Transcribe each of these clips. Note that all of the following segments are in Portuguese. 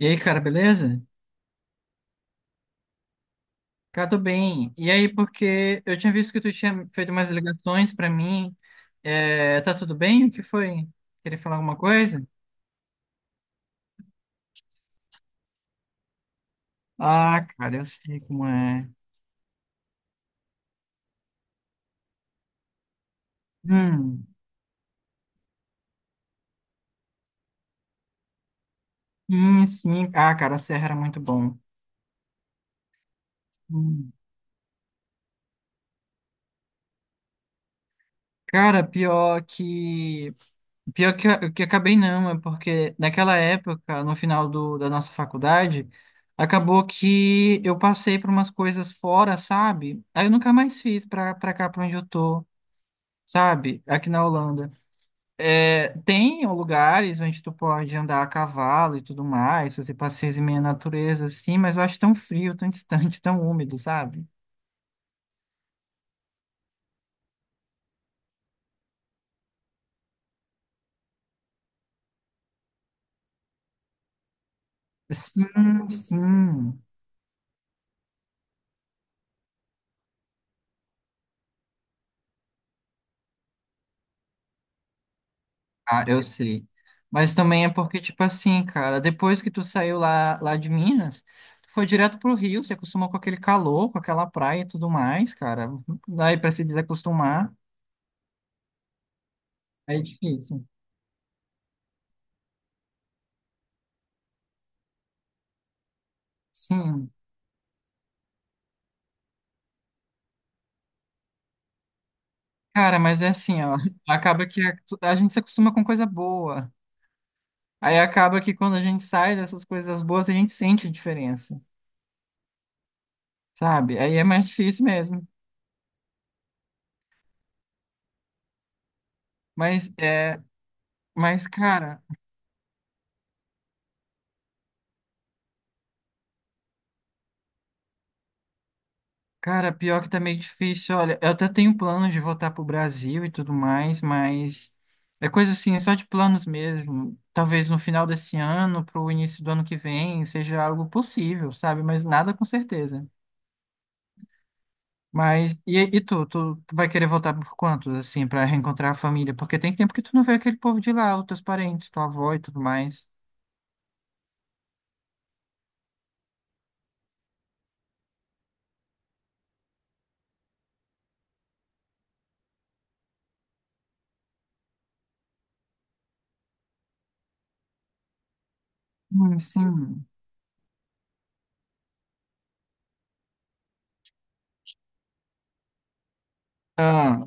E aí, cara, beleza? Cara, tô bem. E aí, porque eu tinha visto que tu tinha feito umas ligações pra mim. É, tá tudo bem? O que foi? Queria falar alguma coisa? Ah, cara, eu sei como é. Hum, sim, sim. Ah, cara, a Serra era muito bom. Hum. Cara, pior que. Pior que, que acabei não, é porque naquela época, no final do, da nossa faculdade, acabou que eu passei por umas coisas fora, sabe? Aí eu nunca mais fiz pra cá, pra onde eu tô. Sabe? Aqui na Holanda. É, tem lugares onde tu pode andar a cavalo e tudo mais, fazer passeios em meio à natureza, assim, mas eu acho tão frio, tão distante, tão úmido, sabe? Sim, sim. Ah, eu sei. Mas também é porque, tipo assim, cara, depois que tu saiu lá de Minas, tu foi direto pro Rio, se acostumou com aquele calor, com aquela praia e tudo mais, cara. Daí pra se desacostumar, é difícil. Sim. Cara, mas é assim, ó. Acaba que a, a gente se acostuma com coisa boa. Aí acaba que quando a gente sai dessas coisas boas, a gente sente a diferença, sabe? Aí é mais difícil mesmo. Mas é, mas cara, pior que tá meio difícil. Olha, eu até tenho planos de voltar pro Brasil e tudo mais, mas é coisa assim, só de planos mesmo. Talvez no final desse ano, pro início do ano que vem, seja algo possível, sabe? Mas nada com certeza. Mas, e tu vai querer voltar por quantos, assim, pra reencontrar a família? Porque tem tempo que tu não vê aquele povo de lá, os teus parentes, tua avó e tudo mais. Sim. Ah,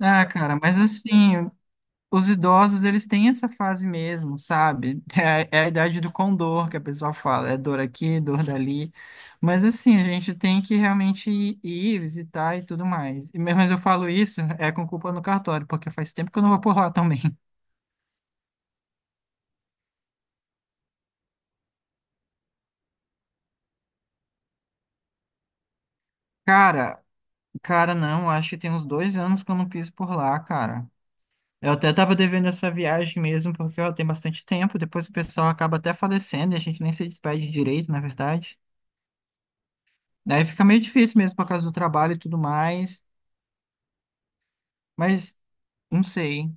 ah, cara, mas assim, os idosos, eles têm essa fase mesmo, sabe? É, é a idade do condor que a pessoa fala, é dor aqui, dor dali. Mas assim, a gente tem que realmente ir visitar e tudo mais. E mesmo eu falo isso, é com culpa no cartório, porque faz tempo que eu não vou por lá também. Cara, Cara, não, acho que tem uns dois anos que eu não piso por lá, cara. Eu até tava devendo essa viagem mesmo, porque ó, tem bastante tempo. Depois o pessoal acaba até falecendo e a gente nem se despede direito, na verdade. Daí fica meio difícil mesmo por causa do trabalho e tudo mais. Mas não sei.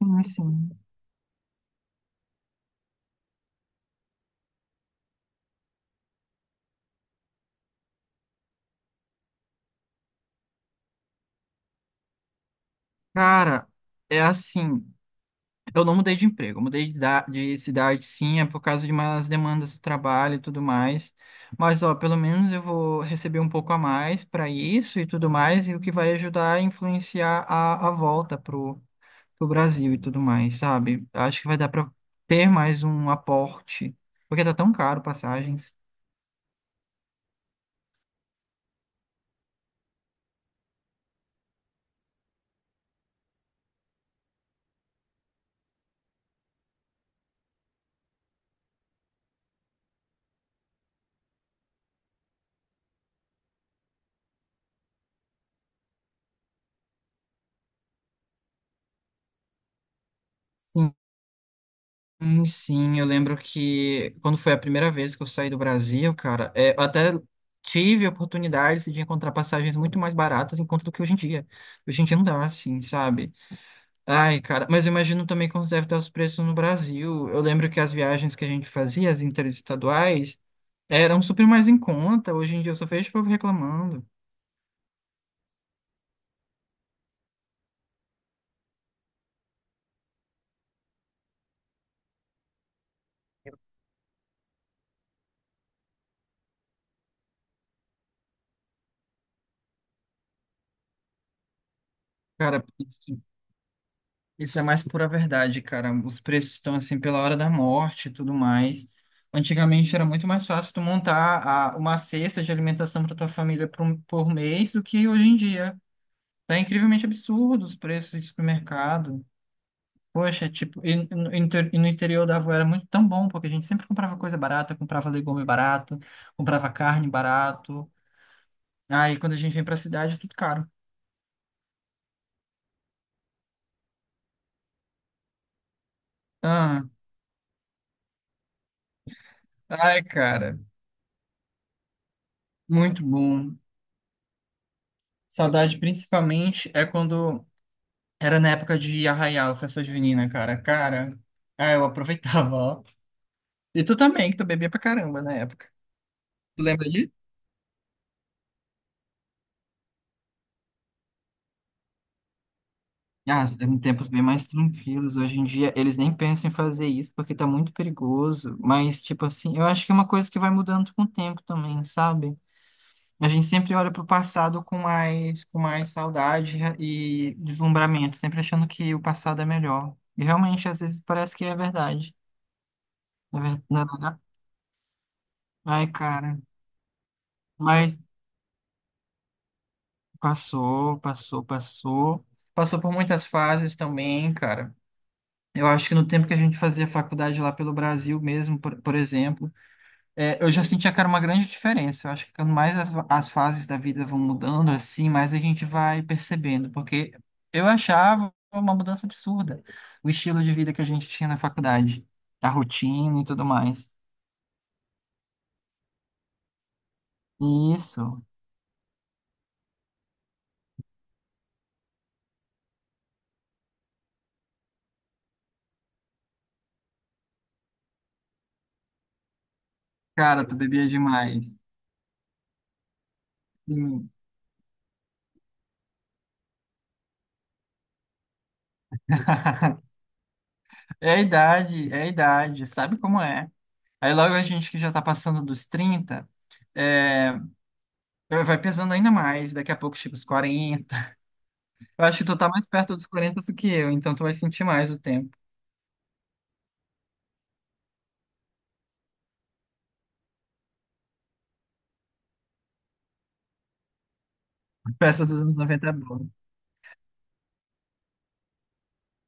Sim, sim. Cara, é assim. Eu não mudei de emprego, eu mudei de cidade, sim, é por causa de umas demandas do trabalho e tudo mais. Mas, ó, pelo menos eu vou receber um pouco a mais para isso e tudo mais, e o que vai ajudar a influenciar a volta pro Brasil e tudo mais, sabe? Acho que vai dar para ter mais um aporte, porque tá tão caro passagens. Sim. Sim, eu lembro que quando foi a primeira vez que eu saí do Brasil, cara, é, eu até tive oportunidades de encontrar passagens muito mais baratas em conta do que hoje em dia. Hoje em dia não dá, assim, sabe? Ai, cara, mas eu imagino também como deve estar os preços no Brasil. Eu lembro que as viagens que a gente fazia, as interestaduais, eram super mais em conta. Hoje em dia eu só vejo o povo reclamando. Cara, isso é mais pura verdade, cara. Os preços estão assim pela hora da morte e tudo mais. Antigamente era muito mais fácil tu montar uma cesta de alimentação para tua família por mês do que hoje em dia. Tá incrivelmente absurdo os preços de supermercado. Poxa, tipo, e e no interior da avó era muito tão bom, porque a gente sempre comprava coisa barata, comprava legume barato, comprava carne barato. Aí quando a gente vem pra cidade é tudo caro. Ah, ai, cara, muito bom. Saudade principalmente é quando era na época de Arraial, festa junina, cara. Cara, ah, eu aproveitava, ó. E tu também, que tu bebia pra caramba na época. Tu lembra disso? Ah, eram tempos bem mais tranquilos. Hoje em dia, eles nem pensam em fazer isso porque tá muito perigoso. Mas, tipo assim, eu acho que é uma coisa que vai mudando com o tempo também, sabe? A gente sempre olha pro passado com mais saudade e deslumbramento, sempre achando que o passado é melhor. E realmente, às vezes, parece que é verdade. Na verdade, ai, cara. Mas passou, passou, passou. Passou por muitas fases também, cara. Eu acho que no tempo que a gente fazia faculdade lá pelo Brasil mesmo, por exemplo, é, eu já sentia, cara, uma grande diferença. Eu acho que quando mais as fases da vida vão mudando, assim, mais a gente vai percebendo. Porque eu achava uma mudança absurda o estilo de vida que a gente tinha na faculdade, a rotina e tudo mais. Isso, cara, tu bebia demais. Sim. É a idade, sabe como é? Aí logo a gente que já tá passando dos 30, é, vai pesando ainda mais, daqui a pouco chega os 40. Eu acho que tu tá mais perto dos 40 do que eu, então tu vai sentir mais o tempo. Peça dos anos 90 é boa.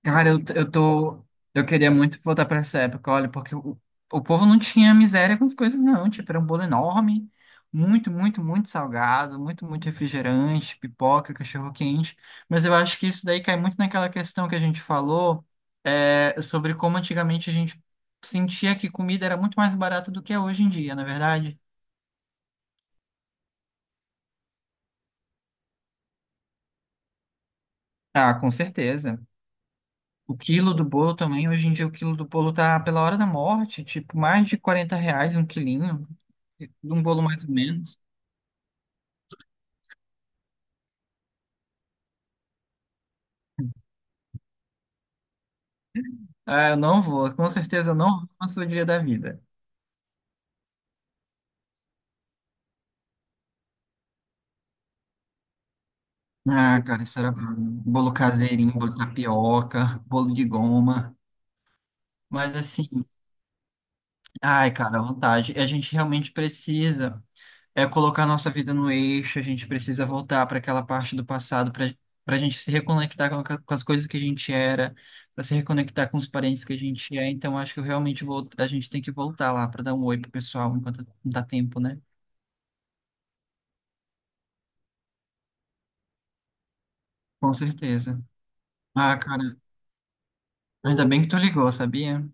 Cara, eu tô. Eu queria muito voltar pra essa época, olha, porque o povo não tinha miséria com as coisas, não. Tipo, era um bolo enorme, muito, muito, muito salgado, muito, muito refrigerante, pipoca, cachorro-quente. Mas eu acho que isso daí cai muito naquela questão que a gente falou, é, sobre como antigamente a gente sentia que comida era muito mais barata do que é hoje em dia, na é verdade? Ah, com certeza. O quilo do bolo também, hoje em dia o quilo do bolo tá pela hora da morte, tipo, mais de R$ 40 um quilinho. De um bolo mais ou menos. Ah, eu não vou, com certeza eu não vou na sua dia da vida. Ah, cara, isso era bolo caseirinho, bolo de tapioca, bolo de goma. Mas assim, ai, cara, à vontade. A gente realmente precisa é colocar nossa vida no eixo, a gente precisa voltar para aquela parte do passado para para a gente se reconectar com as coisas que a gente era, para se reconectar com os parentes que a gente é. Então, acho que eu realmente vou, a gente tem que voltar lá para dar um oi pro pessoal enquanto dá tempo, né? Com certeza. Ah, cara. Ainda bem que tu ligou, sabia?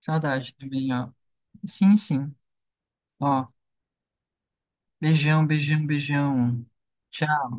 Saudade também, ó. Sim, sim. Ó, beijão, beijão, beijão. Tchau.